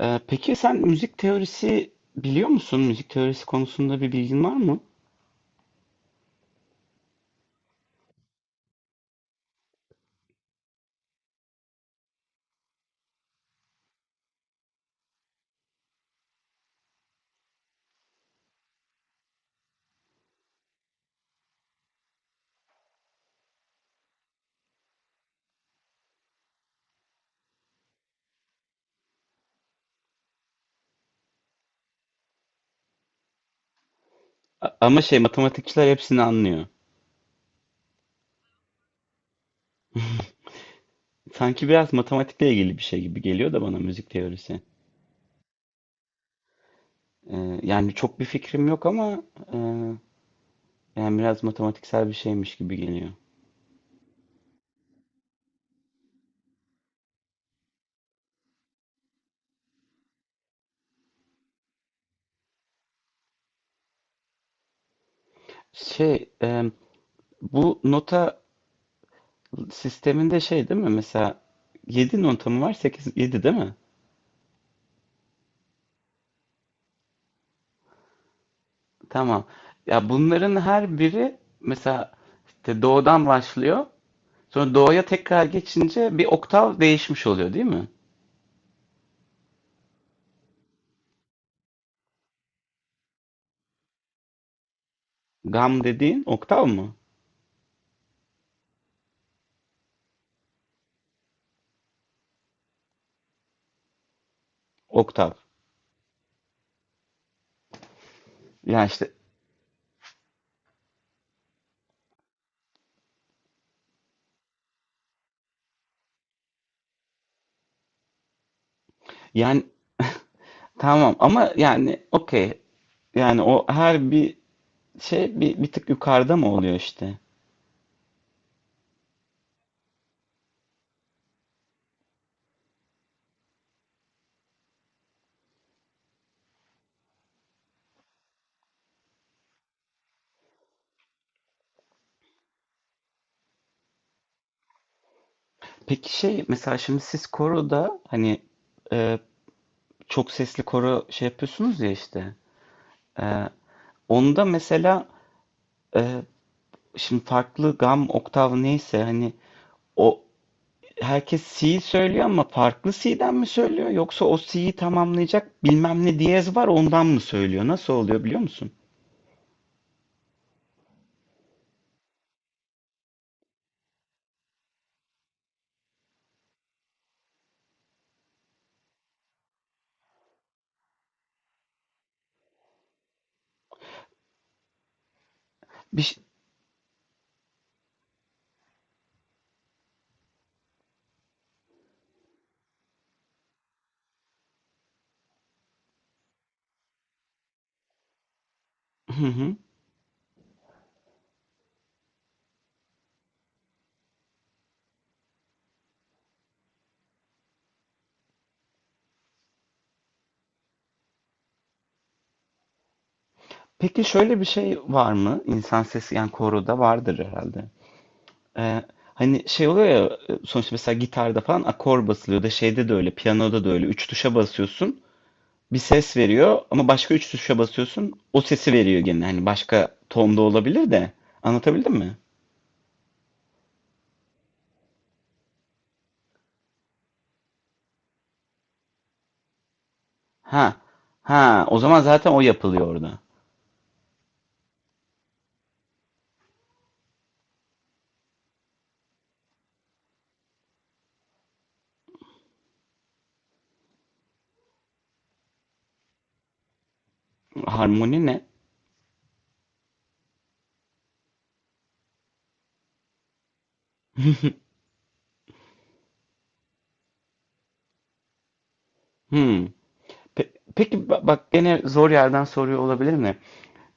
Peki sen müzik teorisi biliyor musun? Müzik teorisi konusunda bir bilgin var mı? Ama şey matematikçiler hepsini anlıyor. Sanki biraz matematikle ilgili bir şey gibi geliyor da bana müzik teorisi. Yani çok bir fikrim yok ama e, yani biraz matematiksel bir şeymiş gibi geliyor. Şey bu nota sisteminde şey değil mi? Mesela 7 nota mı var? Sekiz yedi değil mi? Tamam. Ya bunların her biri mesela işte do'dan başlıyor. Sonra do'ya tekrar geçince bir oktav değişmiş oluyor değil mi? Gam dediğin oktav mı? Oktav. Yani işte yani tamam ama yani okey. Yani o her bir şey bir, tık yukarıda mı oluyor işte? Peki şey mesela şimdi siz koroda hani e, çok sesli koro şey yapıyorsunuz ya işte. E, Onda mesela e, şimdi farklı gam oktav neyse hani o herkes C söylüyor ama farklı C'den mi söylüyor yoksa o C'yi tamamlayacak bilmem ne diyez var ondan mı söylüyor? Nasıl oluyor biliyor musun? Bir ş- hı hı. Peki şöyle bir şey var mı? İnsan sesi yani koroda vardır herhalde. Ee, Hani şey oluyor ya sonuçta mesela gitarda falan akor basılıyor da şeyde de öyle piyanoda da öyle üç tuşa basıyorsun bir ses veriyor ama başka üç tuşa basıyorsun o sesi veriyor gene hani başka tonda olabilir de anlatabildim mi? Ha ha, o zaman zaten o yapılıyor orada. Harmoni ne? Hmm. Bak gene zor yerden soruyor olabilir mi?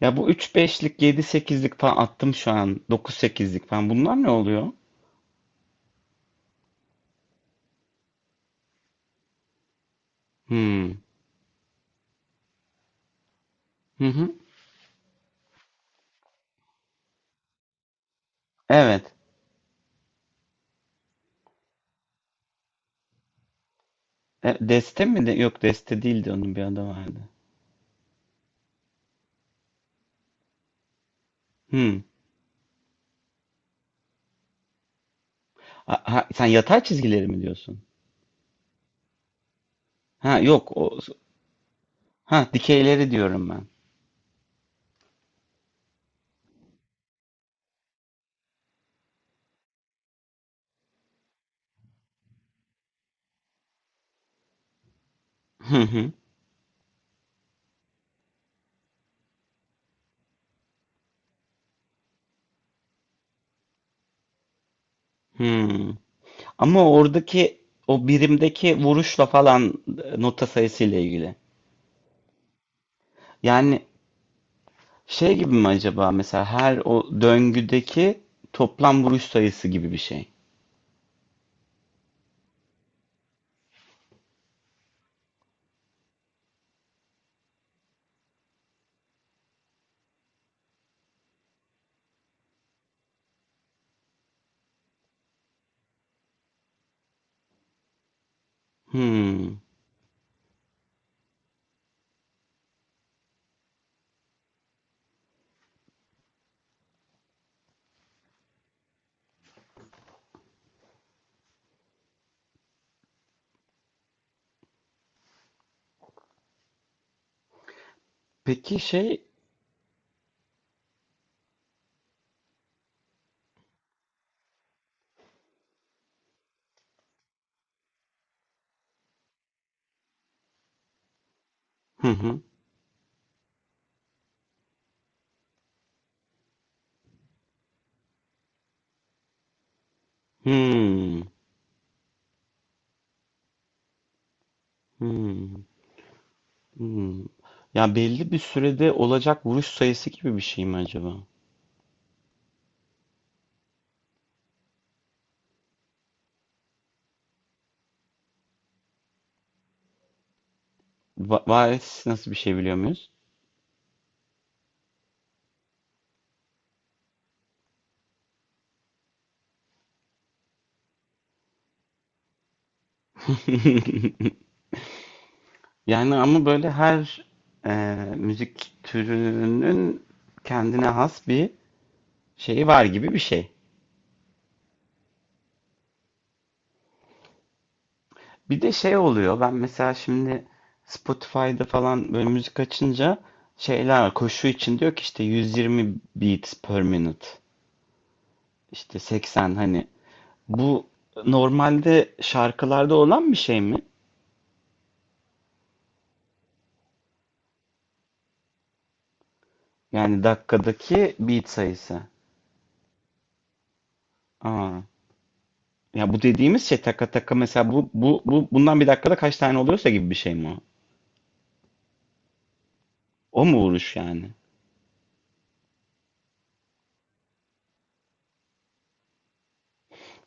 Ya bu üç beşlik, yedi sekizlik falan attım şu an. Dokuz sekizlik falan. Bunlar ne oluyor? Hmm. Hı hı. Evet. E, deste mi? De? Yok deste değildi onun bir adı vardı. Hmm. Ha, ha, sen yatay çizgileri mi diyorsun? Ha yok o, ha dikeyleri diyorum ben. Hı hı. Hmm. Ama oradaki o birimdeki vuruşla falan nota sayısıyla ilgili. Yani Şey gibi mi acaba mesela her o döngüdeki toplam vuruş sayısı gibi bir şey. Hmm. Peki şey hı hı. Hmm. Hmm. Hmm. Ya belli bir sürede olacak vuruş sayısı gibi bir şey mi acaba? Va varis nasıl bir şey biliyor muyuz? Yani ama böyle her e, müzik türünün kendine has bir şeyi var gibi bir şey. Bir de şey oluyor. Ben mesela şimdi Spotify'da falan böyle müzik açınca şeyler var. Koşu için diyor ki işte 120 beats per minute. İşte 80 hani bu normalde şarkılarda olan bir şey mi? Yani dakikadaki beat sayısı. Aa. Ya bu dediğimiz şey taka taka mesela bu bundan bir dakikada kaç tane oluyorsa gibi bir şey mi o? O mu vuruş yani?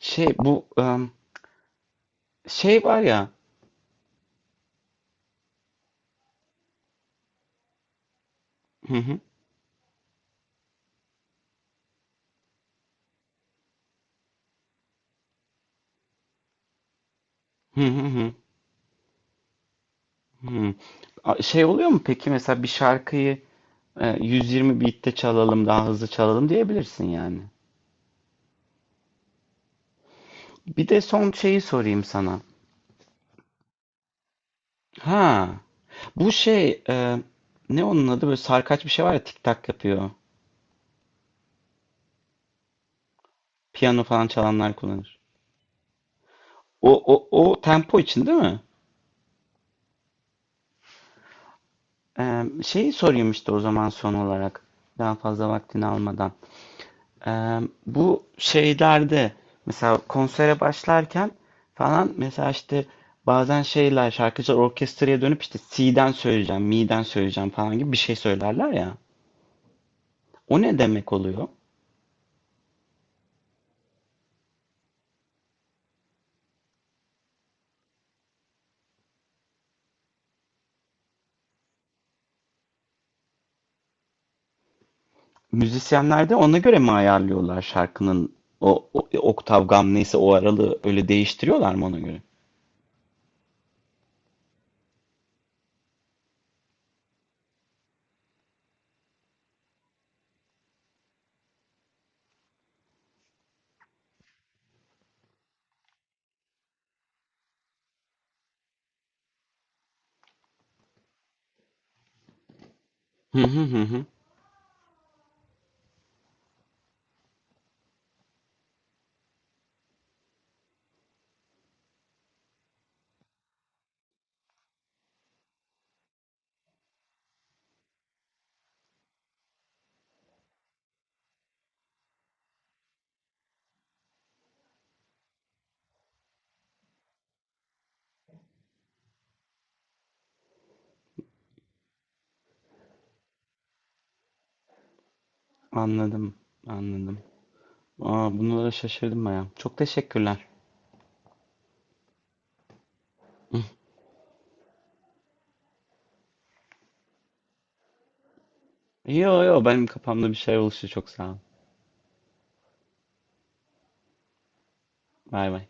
Şey bu şey var ya. Hı hı. Hı hı hı. Hmm. Şey oluyor mu peki mesela bir şarkıyı 120 beat'te çalalım daha hızlı çalalım diyebilirsin yani. Bir de son şeyi sorayım sana. Ha bu şey ne onun adı böyle sarkaç bir şey var ya tik tak yapıyor. Piyano falan çalanlar kullanır. O tempo için değil mi? E, şeyi sorayım işte o zaman son olarak daha fazla vaktini almadan. Eee, Bu şeylerde mesela konsere başlarken falan mesela işte bazen şeyler şarkıcılar orkestraya dönüp işte C'den söyleyeceğim, mi'den söyleyeceğim falan gibi bir şey söylerler ya. O ne demek oluyor? Müzisyenler de ona göre mi ayarlıyorlar şarkının o oktav gam neyse o aralığı öyle değiştiriyorlar mı ona göre? Hı hı hı hı. Anladım, anladım. Aa, bunlara şaşırdım baya. Çok teşekkürler. Yo yo benim kafamda bir şey oluştu çok sağ ol. Bay bay.